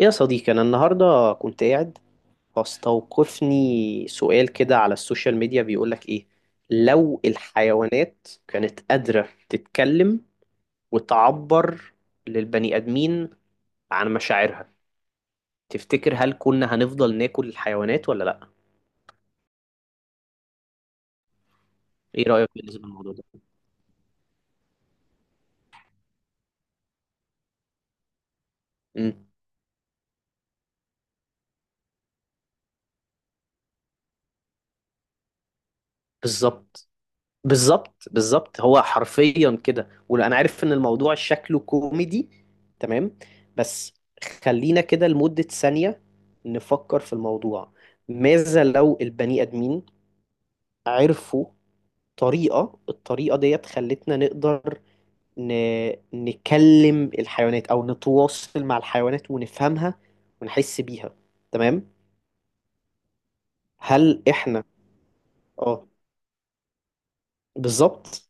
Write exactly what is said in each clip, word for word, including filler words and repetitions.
إيه يا صديقي، أنا النهاردة كنت قاعد فاستوقفني سؤال كده على السوشيال ميديا بيقولك إيه: لو الحيوانات كانت قادرة تتكلم وتعبر للبني آدمين عن مشاعرها، تفتكر هل كنا هنفضل ناكل الحيوانات ولا لأ؟ إيه رأيك بالنسبة للموضوع ده؟ مم. بالظبط، بالظبط بالظبط. هو حرفيا كده، وانا عارف ان الموضوع شكله كوميدي، تمام، بس خلينا كده لمدة ثانية نفكر في الموضوع. ماذا لو البني ادمين عرفوا طريقة، الطريقة ديت خلتنا نقدر ن... نكلم الحيوانات او نتواصل مع الحيوانات ونفهمها ونحس بيها، تمام؟ هل احنا اه بالظبط.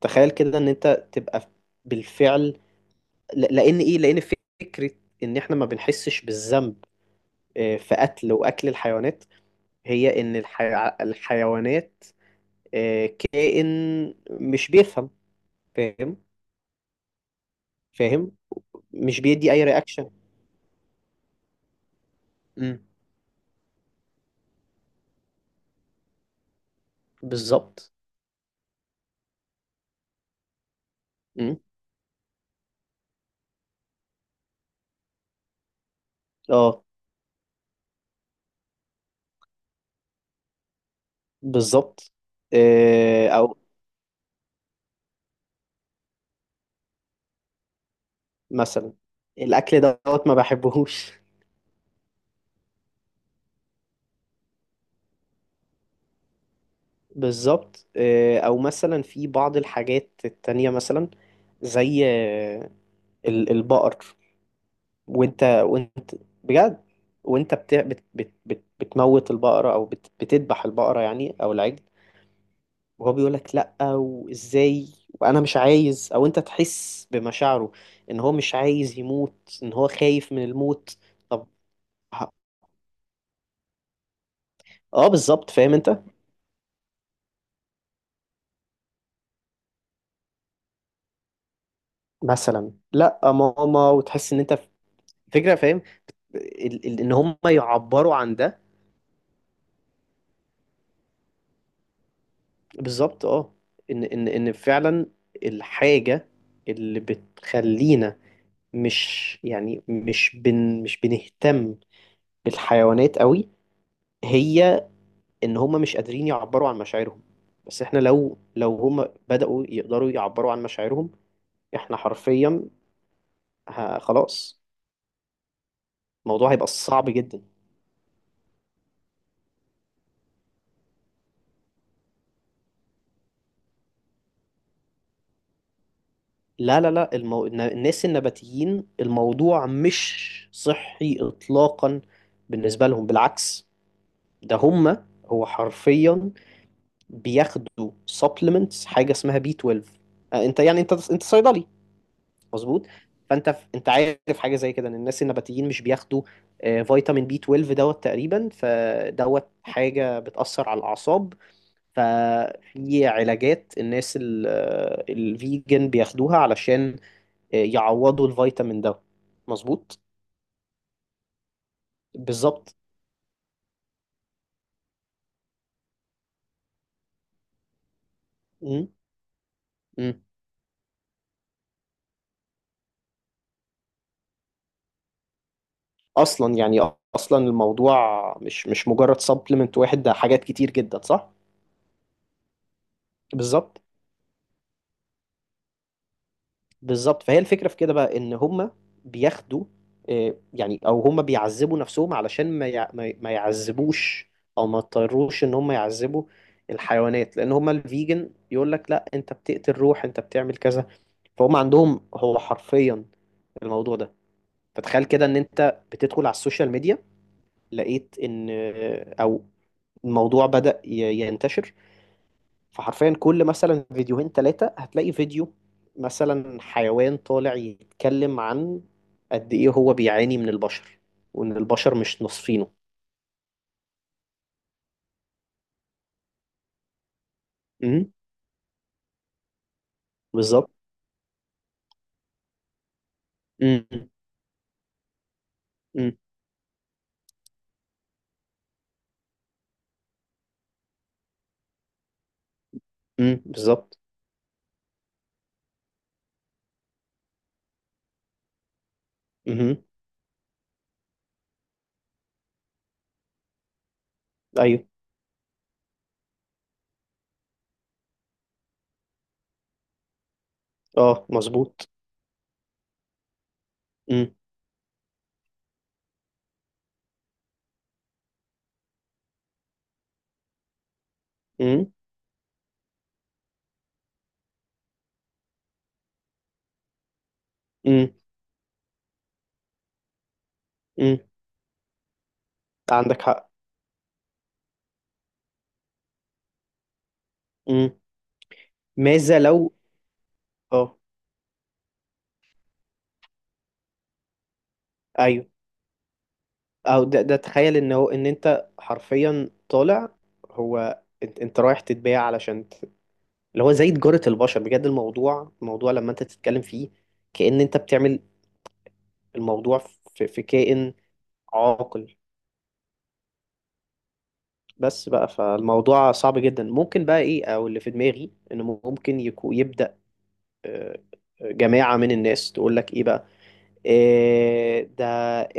تخيل كده ان انت تبقى بالفعل ل- لان ايه، لان فكره ان احنا ما بنحسش بالذنب آه، في قتل واكل الحيوانات، هي ان الحي... الحيوانات آه، كائن مش بيفهم، فاهم؟ فاهم. مش بيدي اي رياكشن. امم بالظبط. امم اه بالظبط. آه، او مثلا الاكل دوت ما بحبهوش. بالظبط، آه، او مثلا في بعض الحاجات التانية، مثلا زي آه، ال- البقر. وانت بجد وانت بت... بت... بت... بت... بتموت البقرة او بت... بتذبح البقرة، يعني، او العجل، وهو بيقول لك لا، وازاي وانا مش عايز، او انت تحس بمشاعره ان هو مش عايز يموت، ان هو خايف من الموت. طب ه- اه بالظبط، فاهم انت؟ مثلا لا ماما، وتحس ان انت فكرة، فاهم؟ ال... ال... ان هم يعبروا عن ده. بالظبط، اه. ان ان ان فعلا الحاجة اللي بتخلينا مش يعني مش بن مش بنهتم بالحيوانات قوي، هي ان هم مش قادرين يعبروا عن مشاعرهم. بس احنا لو، لو هم بدأوا يقدروا يعبروا عن مشاعرهم، احنا حرفيا ه- خلاص، الموضوع هيبقى صعب جدا. لا لا لا، المو... الن- الناس النباتيين الموضوع مش صحي اطلاقا بالنسبة لهم، بالعكس. ده هم، هو حرفيا بياخدوا supplements، حاجة اسمها بي اثنا عشر. آه، انت يعني انت انت صيدلي، مظبوط؟ فانت ف... انت عارف حاجه زي كده، ان الناس النباتيين مش بياخدوا آه، فيتامين بي اتناشر دوت تقريبا، فدوت حاجه بتاثر على الاعصاب. ففي علاجات الناس ال- آه، الفيجن بياخدوها علشان آه، يعوضوا الفيتامين ده، مظبوط. بالظبط. مم. مم. اصلا يعني، اصلا الموضوع مش مش مجرد سبلمنت واحد، ده حاجات كتير جدا، صح؟ بالظبط بالظبط. فهي الفكرة في كده بقى ان هما بياخدوا، آه، يعني، او هما بيعذبوا نفسهم علشان ما يع- ما ما يعذبوش، او ما يضطروش ان هما يعذبوا الحيوانات، لان هما الفيجن يقول لك لا، انت بتقتل روح، انت بتعمل كذا. فهم عندهم هو حرفيا الموضوع ده. فتخيل كده ان انت بتدخل على السوشيال ميديا، لقيت ان آه، او الموضوع بدأ ي- ينتشر، فحرفيا كل مثلا فيديوهين ثلاثة هتلاقي فيديو مثلا حيوان طالع يتكلم عن قد ايه هو بيعاني من البشر، وان البشر مش نصفينه. امم بالظبط. امم امم امم بالظبط. امم ايوه. اه مظبوط. امم امم امم امم عندك حق. امم ماذا لو اه ايوه، او ده، ده تخيل ان هو، ان انت حرفيا طالع، هو انت، انت رايح تتباع، علشان اللي هو زي تجارة البشر بجد. الموضوع، الموضوع لما انت تتكلم فيه كأن انت بتعمل الموضوع في، في كائن عاقل. بس بقى، فالموضوع صعب جدا. ممكن بقى ايه، او اللي في دماغي انه ممكن يكو يبدأ آه، جماعة من الناس تقول لك ايه بقى: إيه ده؟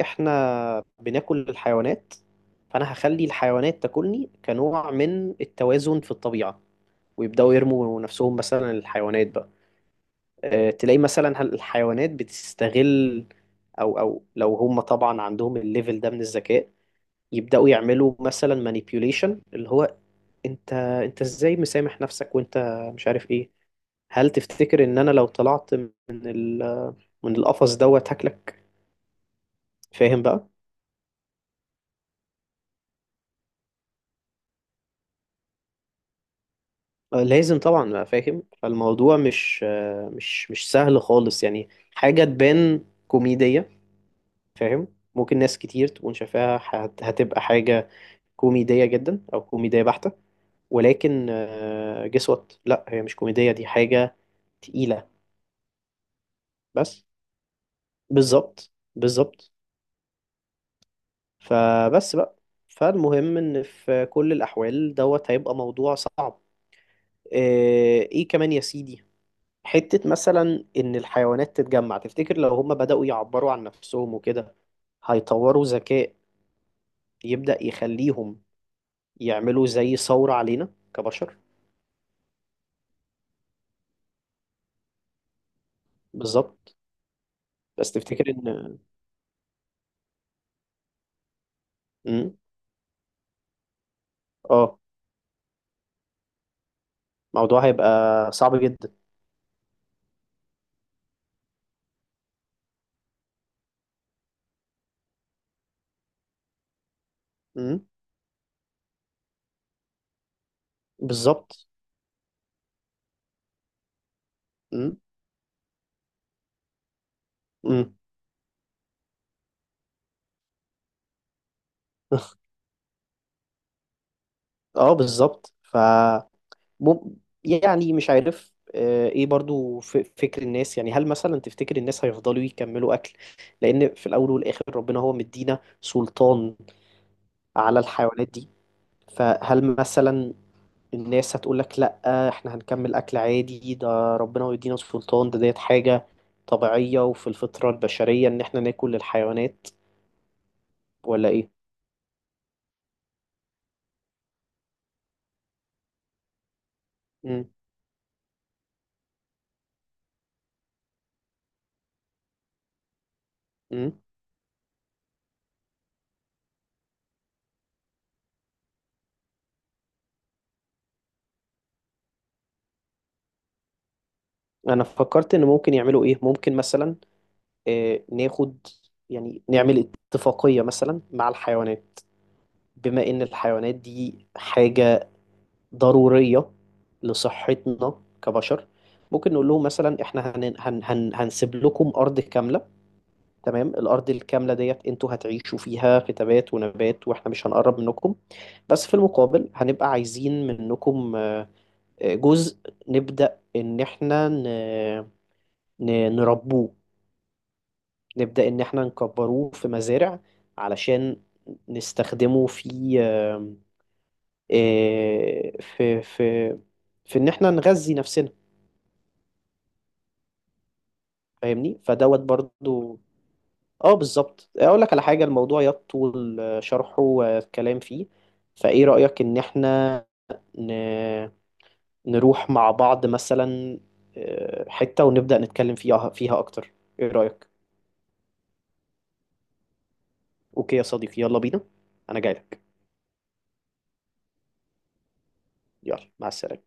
احنا بناكل الحيوانات، فانا هخلي الحيوانات تاكلني كنوع من التوازن في الطبيعة. ويبدأوا يرموا نفسهم، مثلا الحيوانات بقى، آه، تلاقي مثلا هل- الحيوانات بتستغل، او او لو هم طبعا عندهم الليفل ده من الذكاء، يبداوا يعملوا مثلا مانيبيوليشن اللي هو انت، انت ازاي مسامح نفسك وانت مش عارف ايه؟ هل تفتكر ان انا لو طلعت من ال... من القفص دوت هاكلك؟ فاهم بقى؟ آه، لازم طبعا بقى، فاهم؟ فالموضوع مش آه، مش مش سهل خالص يعني، حاجة تبان كوميدية، فاهم؟ ممكن ناس كتير تكون شايفاها هت- هتبقى حاجة كوميدية جدا أو كوميدية بحتة، ولكن آه، guess what، لا هي مش كوميدية، دي حاجة تقيلة. بس بالظبط بالظبط، فبس بقى. فالمهم إن في كل الأحوال دوت هيبقى موضوع صعب. آه، إيه كمان يا سيدي، حتة مثلا إن الحيوانات تتجمع. تفتكر لو هم بدأوا يعبروا عن نفسهم وكده، هيطوروا ذكاء يبدأ يخليهم يعملوا زي ثورة علينا كبشر؟ بالظبط. بس تفتكر إن مم. اه، الموضوع هيبقى صعب جدا. امم بالظبط. امم امم اه بالظبط ف مم- يعني مش عارف، آه، ايه برضو ف- فكر الناس، يعني هل مثلا تفتكر الناس هيفضلوا يكملوا اكل، لان في الاول والاخر ربنا هو مدينا سلطان على الحيوانات دي؟ فهل مثلا الناس هتقول لك لا، احنا هنكمل اكل عادي، ده ربنا مدينا سلطان، ده ديت حاجة طبيعية وفي الفطرة البشرية ان احنا ناكل الحيوانات، ولا ايه؟ امم انا فكرت ان ممكن يعملوا ايه. ممكن مثلا آه، ناخد، يعني نعمل اتفاقية مثلا مع الحيوانات. بما ان الحيوانات دي حاجة ضرورية لصحتنا كبشر، ممكن نقول لهم مثلا احنا هن هن هن هنسيب لكم ارض كاملة، تمام، الارض الكاملة ديت انتوا هتعيشوا فيها في تبات ونبات، واحنا مش هنقرب منكم، بس في المقابل هنبقى عايزين منكم آه، جزء، نبدأ ان احنا ن... ن- نربوه، نبدأ إن إحنا نكبروه في مزارع، علشان نستخدمه في آم، آه، في في في إن إحنا نغذي نفسنا، فاهمني؟ فدوت برضو اه بالظبط. أقول لك على حاجة، الموضوع يطول آه، شرحه والكلام فيه. فإيه رأيك إن إحنا ن- نروح مع بعض مثلا آه، حتة ونبدأ نتكلم فيها، فيها أكتر؟ إيه رأيك؟ أوكي يا صديقي، يلا بينا، أنا جايلك. يلا مع السلامة.